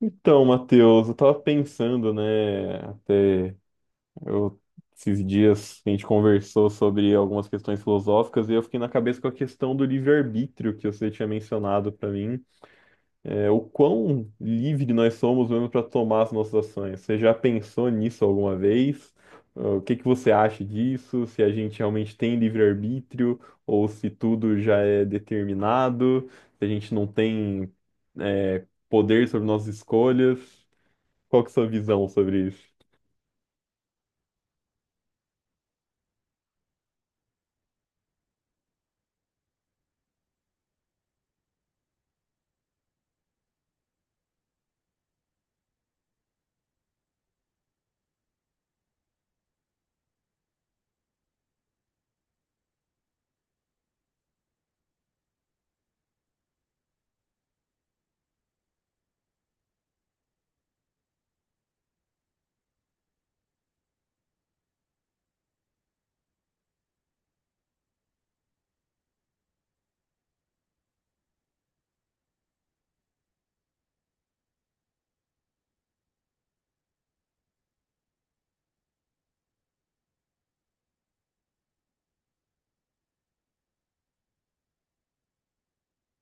Então, Matheus, eu tava pensando, né, eu, esses dias a gente conversou sobre algumas questões filosóficas e eu fiquei na cabeça com a questão do livre-arbítrio que você tinha mencionado pra mim. O quão livre nós somos mesmo para tomar as nossas ações. Você já pensou nisso alguma vez? O que que você acha disso? Se a gente realmente tem livre-arbítrio ou se tudo já é determinado, se a gente não tem, poder sobre nossas escolhas? Qual que é a sua visão sobre isso?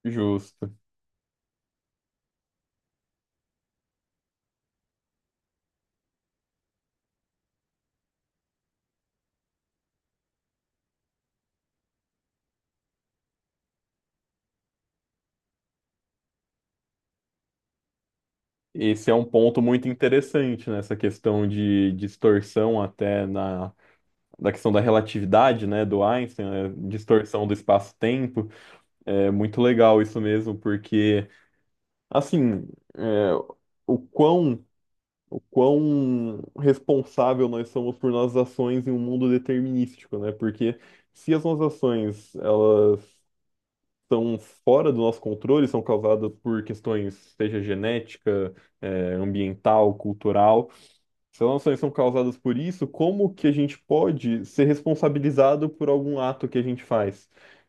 Justo. Esse é um ponto muito interessante nessa questão de distorção da questão da relatividade, né, do Einstein, né, distorção do espaço-tempo. É muito legal isso mesmo, porque, assim, é, o quão, o quão responsável nós somos por nossas ações em um mundo determinístico, né? Porque se as nossas ações, elas são fora do nosso controle, são causadas por questões, seja genética, ambiental, cultural. Se elas não são causadas por isso, como que a gente pode ser responsabilizado por algum ato que a gente faz?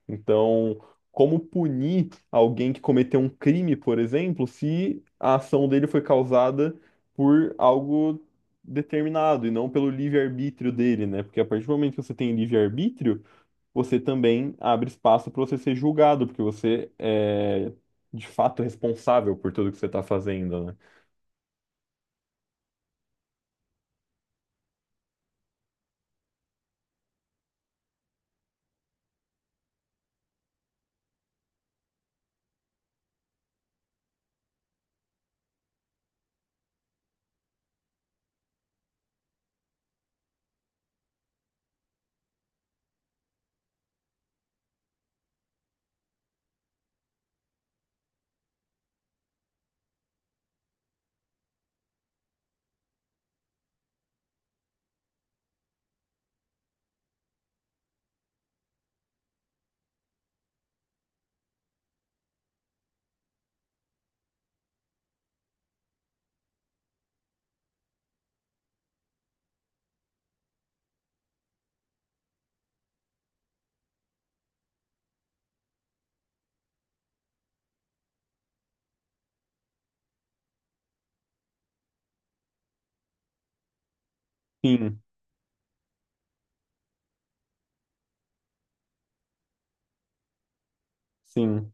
Então, como punir alguém que cometeu um crime, por exemplo, se a ação dele foi causada por algo determinado e não pelo livre-arbítrio dele, né? Porque a partir do momento que você tem livre-arbítrio, você também abre espaço para você ser julgado, porque você é de fato responsável por tudo que você está fazendo, né? Sim, sim,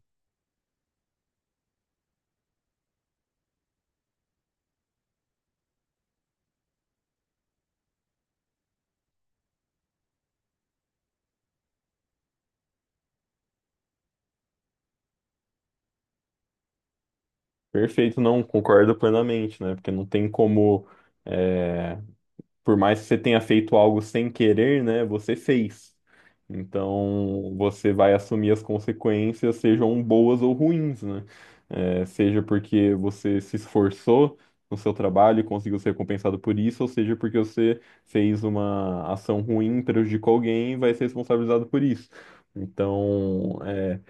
perfeito, não, concordo plenamente, né? Porque não tem como. é, por mais que você tenha feito algo sem querer, né, você fez. Então, você vai assumir as consequências, sejam boas ou ruins, né? É, seja porque você se esforçou no seu trabalho e conseguiu ser recompensado por isso, ou seja porque você fez uma ação ruim, prejudicou alguém e vai ser responsabilizado por isso. Então, é,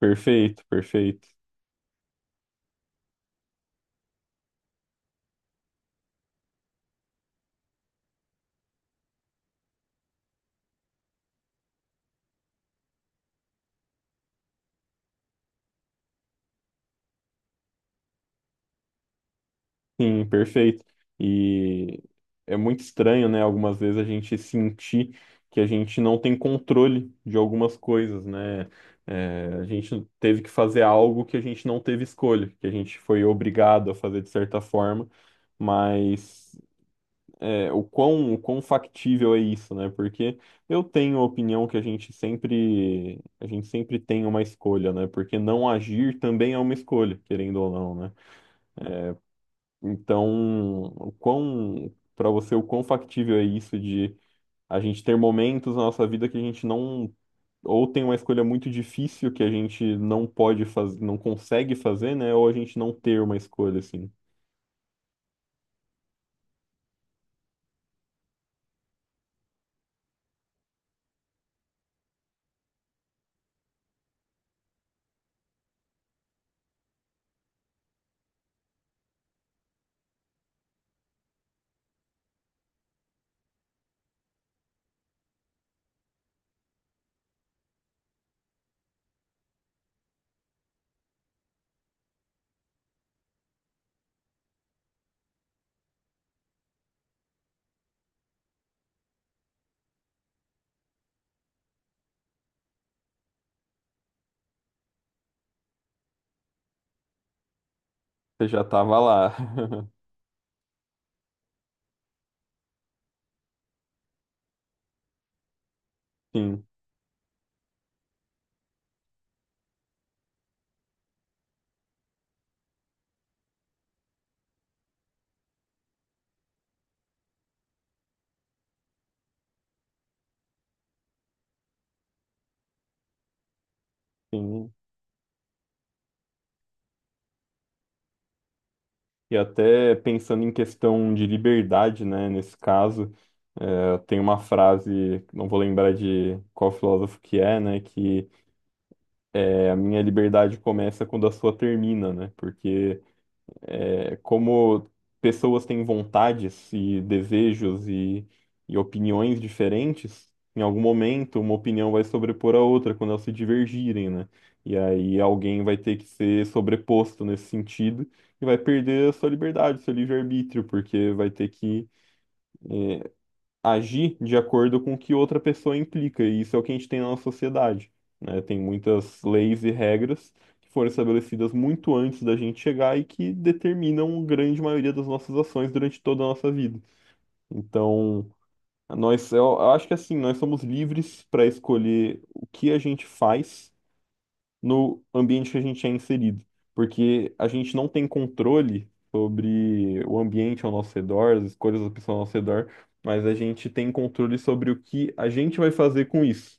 perfeito, perfeito. Sim, perfeito. E é muito estranho, né? Algumas vezes a gente sentir que a gente não tem controle de algumas coisas, né? É, a gente teve que fazer algo que a gente não teve escolha, que a gente foi obrigado a fazer de certa forma, mas o quão factível é isso, né? Porque eu tenho a opinião que a gente sempre tem uma escolha, né? Porque não agir também é uma escolha, querendo ou não, né? Então, o quão, para você, o quão factível é isso de a gente ter momentos na nossa vida que a gente não, ou tem uma escolha muito difícil que a gente não pode fazer, não consegue fazer, né? Ou a gente não ter uma escolha, assim. Você já tava lá. Sim, sim. E até pensando em questão de liberdade, né? Nesse caso, tem uma frase, não vou lembrar de qual filósofo que é, né? A minha liberdade começa quando a sua termina, né? Porque como pessoas têm vontades e desejos e opiniões diferentes, em algum momento uma opinião vai sobrepor a outra quando elas se divergirem, né? E aí alguém vai ter que ser sobreposto nesse sentido e vai perder a sua liberdade, seu livre-arbítrio, porque vai ter que agir de acordo com o que outra pessoa implica, e isso é o que a gente tem na nossa sociedade, né? Tem muitas leis e regras que foram estabelecidas muito antes da gente chegar e que determinam a grande maioria das nossas ações durante toda a nossa vida. Então, nós, eu acho que assim, nós somos livres para escolher o que a gente faz no ambiente que a gente é inserido, porque a gente não tem controle sobre o ambiente ao nosso redor, as escolhas das pessoas ao nosso redor, mas a gente tem controle sobre o que a gente vai fazer com isso.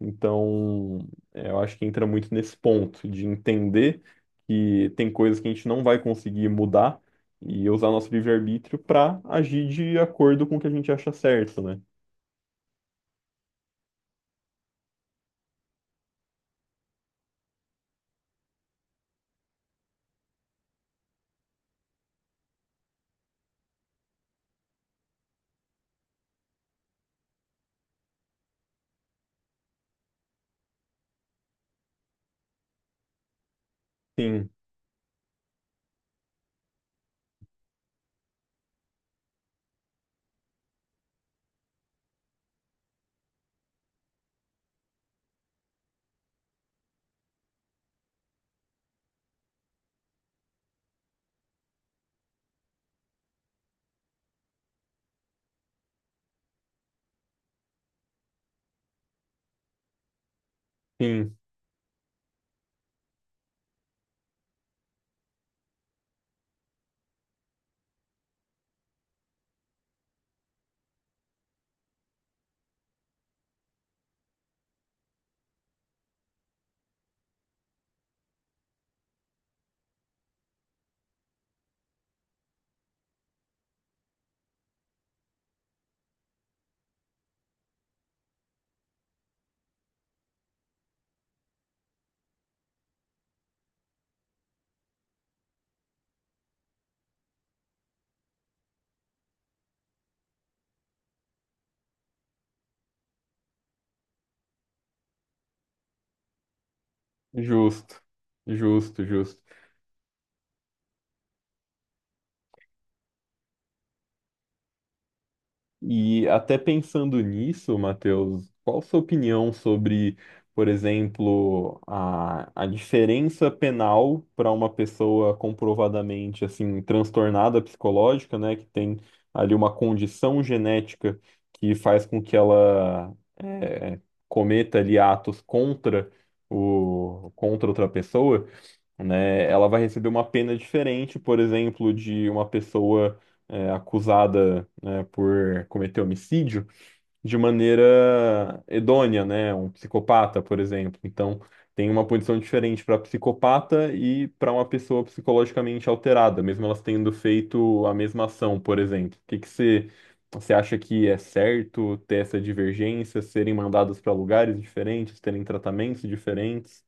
Então, eu acho que entra muito nesse ponto de entender que tem coisas que a gente não vai conseguir mudar e usar nosso livre-arbítrio para agir de acordo com o que a gente acha certo, né? Sim, sim, justo, justo, justo. E até pensando nisso, Matheus, qual a sua opinião sobre, por exemplo, a diferença penal para uma pessoa comprovadamente assim transtornada psicológica, né, que tem ali uma condição genética que faz com que ela cometa ali atos contra contra outra pessoa? Né, ela vai receber uma pena diferente, por exemplo, de uma pessoa acusada, né, por cometer homicídio de maneira hedônia, né, um psicopata, por exemplo. Então, tem uma punição diferente para psicopata e para uma pessoa psicologicamente alterada, mesmo elas tendo feito a mesma ação, por exemplo. O que que você Você acha que é certo ter essa divergência, serem mandadas para lugares diferentes, terem tratamentos diferentes?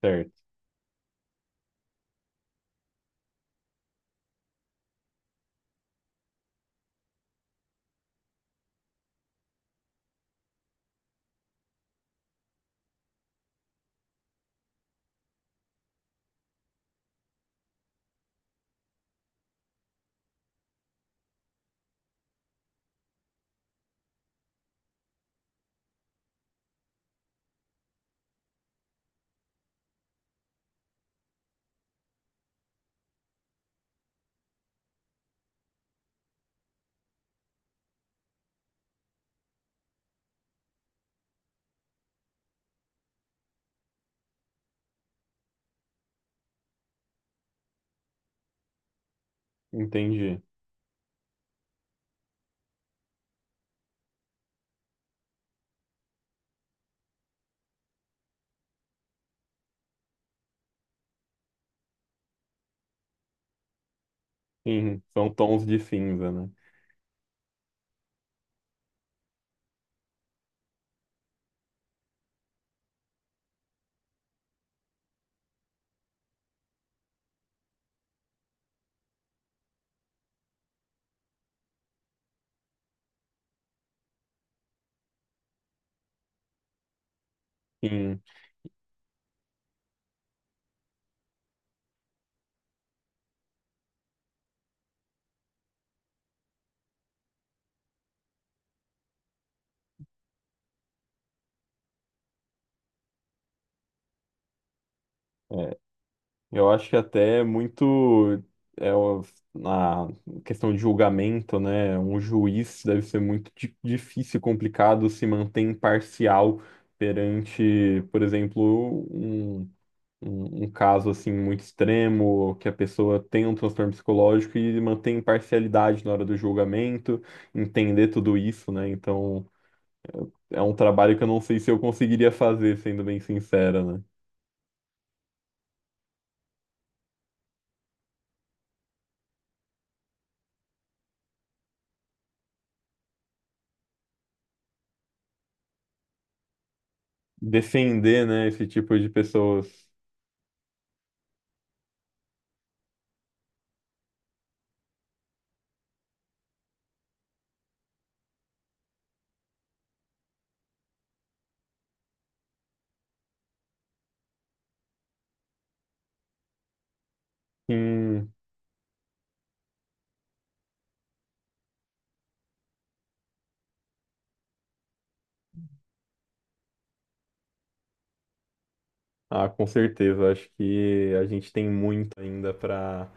Certo, entendi. Sim, são tons de cinza, né? Sim, é, eu acho que até é muito é, o- na questão de julgamento, né? Um juiz deve ser muito difícil e complicado se manter imparcial perante, por exemplo, um caso assim muito extremo, que a pessoa tem um transtorno psicológico e manter imparcialidade na hora do julgamento, entender tudo isso, né? Então, é um trabalho que eu não sei se eu conseguiria fazer, sendo bem sincera, né? Defender, né, esse tipo de pessoas. Sim, ah, com certeza. Acho que a gente tem muito ainda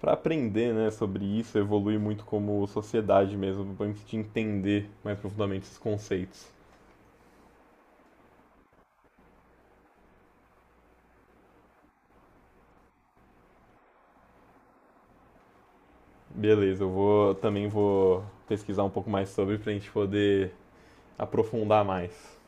para aprender, né, sobre isso, evoluir muito como sociedade mesmo, para a gente entender mais profundamente esses conceitos. Beleza, eu vou também vou pesquisar um pouco mais sobre para a gente poder aprofundar mais.